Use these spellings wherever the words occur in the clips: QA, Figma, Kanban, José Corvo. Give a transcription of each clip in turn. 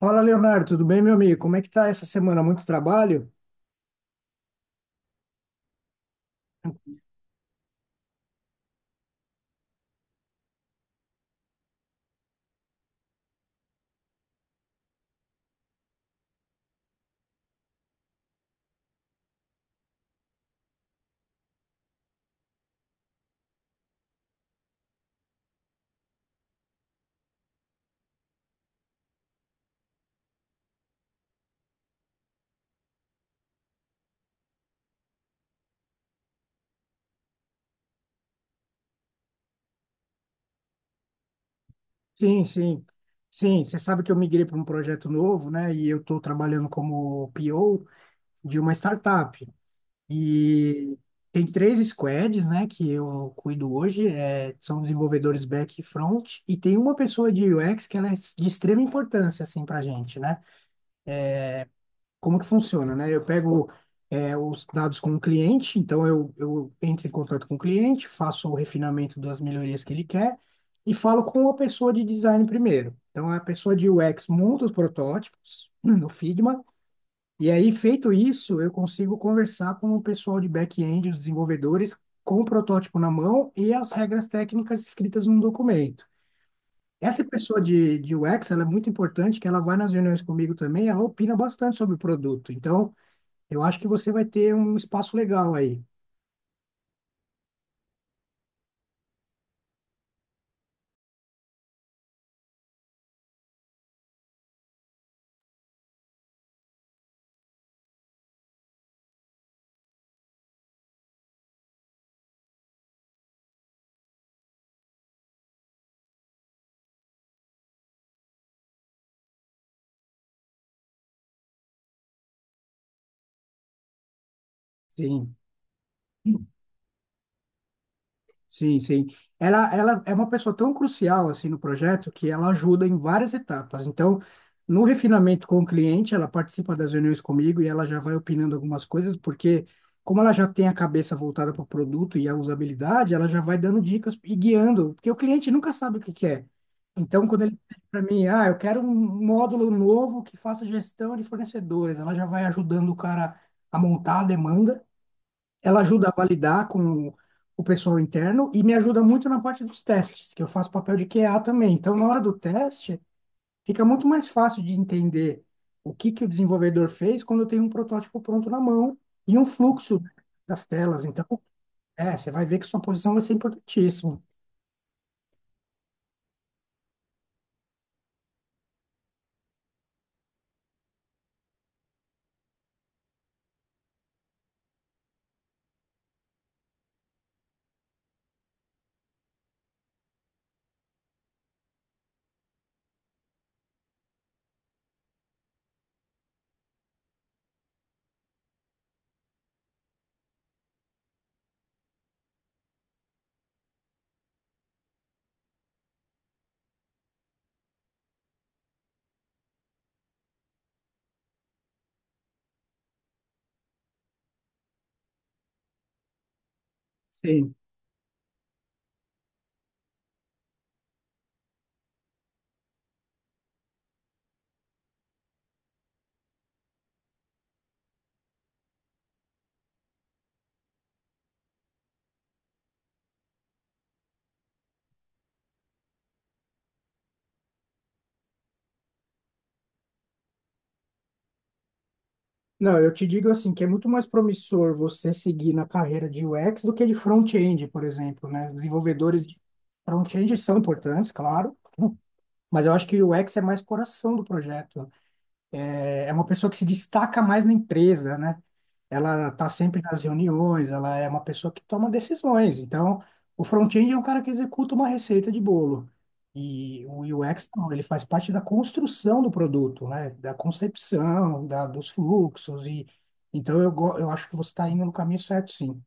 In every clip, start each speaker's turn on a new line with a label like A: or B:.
A: Fala, Leonardo, tudo bem, meu amigo? Como é que tá essa semana? Muito trabalho? Sim, sim. Sim, você sabe que eu migrei para um projeto novo, né? E eu estou trabalhando como PO de uma startup. E tem três squads, né, que eu cuido hoje, são desenvolvedores back e front, e tem uma pessoa de UX que ela é de extrema importância, assim, para gente, né? Como que funciona, né? Eu pego os dados com o cliente, então eu entro em contato com o cliente, faço o refinamento das melhorias que ele quer e falo com a pessoa de design primeiro. Então, a pessoa de UX monta os protótipos no Figma, e aí, feito isso, eu consigo conversar com o pessoal de back-end, os desenvolvedores, com o protótipo na mão e as regras técnicas escritas num documento. Essa pessoa de UX, ela é muito importante, que ela vai nas reuniões comigo também, ela opina bastante sobre o produto. Então, eu acho que você vai ter um espaço legal aí. Sim. Sim, sim. Ela é uma pessoa tão crucial assim no projeto que ela ajuda em várias etapas. Então, no refinamento com o cliente, ela participa das reuniões comigo e ela já vai opinando algumas coisas, porque como ela já tem a cabeça voltada para o produto e a usabilidade, ela já vai dando dicas e guiando, porque o cliente nunca sabe o que quer. Então, quando ele pede para mim, ah, eu quero um módulo novo que faça gestão de fornecedores, ela já vai ajudando o cara a montar a demanda, ela ajuda a validar com o pessoal interno e me ajuda muito na parte dos testes, que eu faço papel de QA também. Então, na hora do teste, fica muito mais fácil de entender o que que o desenvolvedor fez quando eu tenho um protótipo pronto na mão e um fluxo das telas. Então, você vai ver que sua posição vai ser importantíssima. Sim. Não, eu te digo assim, que é muito mais promissor você seguir na carreira de UX do que de front-end, por exemplo, né? Desenvolvedores de front-end são importantes, claro, mas eu acho que o UX é mais coração do projeto. É uma pessoa que se destaca mais na empresa, né? Ela está sempre nas reuniões, ela é uma pessoa que toma decisões. Então, o front-end é um cara que executa uma receita de bolo. E o UX, não, ele faz parte da construção do produto, né? Da concepção, da, dos fluxos. E então, eu acho que você está indo no caminho certo, sim.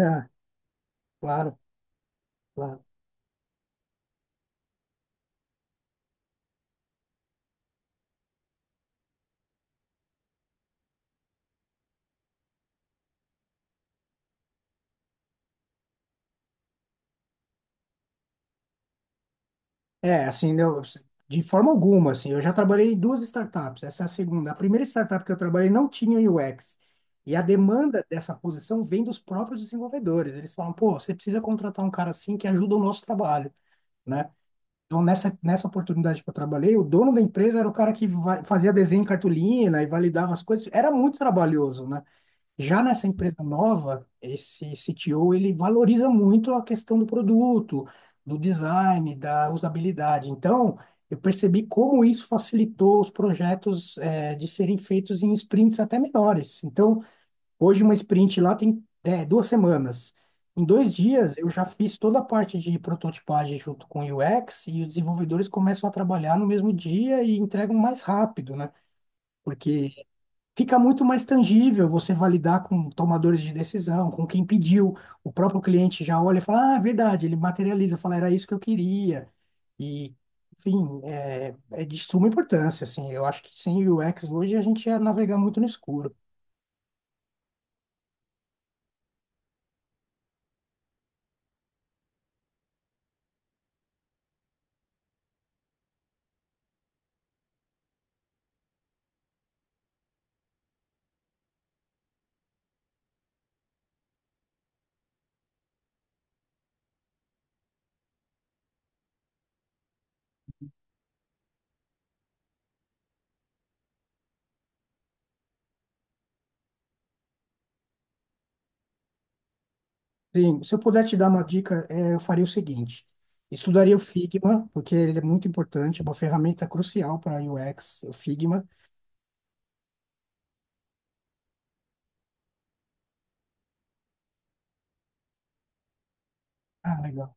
A: É. Claro, claro. É, assim, né, de forma alguma, assim, eu já trabalhei em duas startups, essa é a segunda. A primeira startup que eu trabalhei não tinha UX. E a demanda dessa posição vem dos próprios desenvolvedores. Eles falam, pô, você precisa contratar um cara assim que ajuda o nosso trabalho, né? Então, nessa oportunidade que eu trabalhei, o dono da empresa era o cara que fazia desenho em cartolina e validava as coisas. Era muito trabalhoso, né? Já nessa empresa nova, esse CTO, ele valoriza muito a questão do produto, do design, da usabilidade. Então, eu percebi como isso facilitou os projetos de serem feitos em sprints até menores. Então, hoje uma sprint lá tem duas semanas. Em dois dias, eu já fiz toda a parte de prototipagem junto com o UX e os desenvolvedores começam a trabalhar no mesmo dia e entregam mais rápido, né? Porque fica muito mais tangível você validar com tomadores de decisão, com quem pediu, o próprio cliente já olha e fala, ah, é verdade, ele materializa, fala, era isso que eu queria. E enfim, é de suma importância, assim, eu acho que sem UX hoje a gente ia navegar muito no escuro. Sim, se eu puder te dar uma dica, eu faria o seguinte, estudaria o Figma, porque ele é muito importante, é uma ferramenta crucial para UX, o Figma. Ah, legal.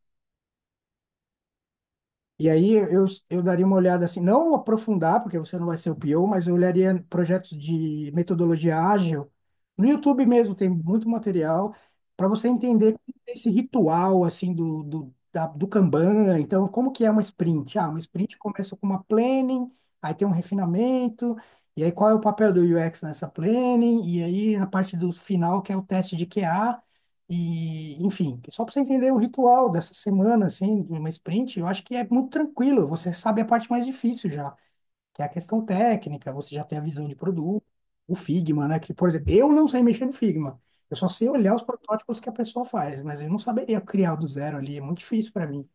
A: E aí eu daria uma olhada assim, não aprofundar, porque você não vai ser o PO, mas eu olharia projetos de metodologia ágil. No YouTube mesmo tem muito material para você entender como é esse ritual assim do Kanban. Então, como que é uma sprint? Ah, uma sprint começa com uma planning, aí tem um refinamento, e aí qual é o papel do UX nessa planning, e aí na parte do final, que é o teste de QA. E enfim, só para você entender o ritual dessa semana, assim, de uma sprint, eu acho que é muito tranquilo. Você sabe a parte mais difícil já, que é a questão técnica, você já tem a visão de produto, o Figma, né? Que, por exemplo, eu não sei mexer no Figma. Eu só sei olhar os protótipos que a pessoa faz, mas eu não saberia criar do zero ali, é muito difícil para mim.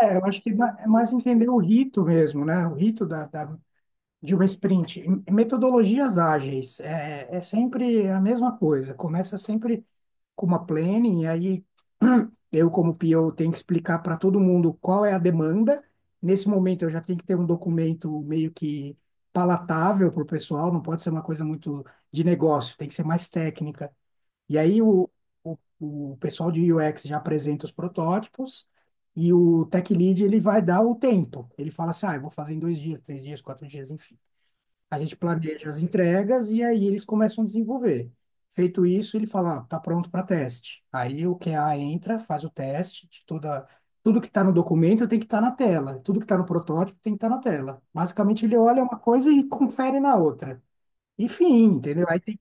A: É, eu acho que é é mais entender o rito mesmo, né? O rito da de um sprint. Metodologias ágeis é sempre a mesma coisa. Começa sempre com uma planning, e aí eu, como PO, tenho que explicar para todo mundo qual é a demanda. Nesse momento, eu já tenho que ter um documento meio que palatável para o pessoal, não pode ser uma coisa muito de negócio, tem que ser mais técnica. E aí, o, o pessoal de UX já apresenta os protótipos. E o tech lead, ele vai dar o tempo. Ele fala assim, ah, eu vou fazer em dois dias, três dias, quatro dias, enfim. A gente planeja as entregas e aí eles começam a desenvolver. Feito isso, ele fala, ah, tá pronto para teste. Aí o QA entra, faz o teste de toda, tudo que está no documento tem que estar na tela, tudo que está no protótipo tem que estar na tela. Basicamente, ele olha uma coisa e confere na outra. E fim, entendeu? Aí tem,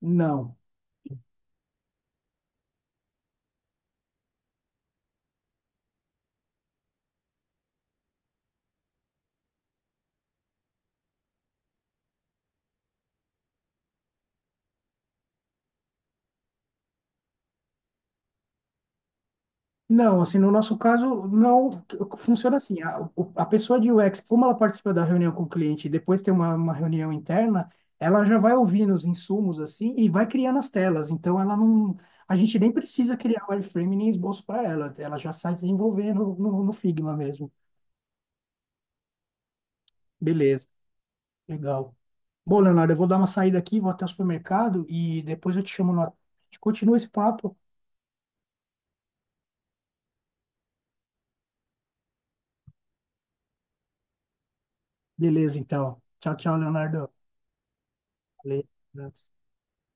A: não. Não, assim, no nosso caso, não funciona assim. A pessoa de UX, como ela participa da reunião com o cliente e depois tem uma reunião interna, ela já vai ouvindo os insumos, assim, e vai criando as telas. Então, ela não. A gente nem precisa criar wireframe nem esboço para ela. Ela já sai desenvolvendo no Figma mesmo. Beleza, legal. Bom, Leonardo, eu vou dar uma saída aqui, vou até o supermercado e depois eu te chamo no. A gente continua esse papo. Beleza, então. Tchau, tchau, Leonardo. Valeu.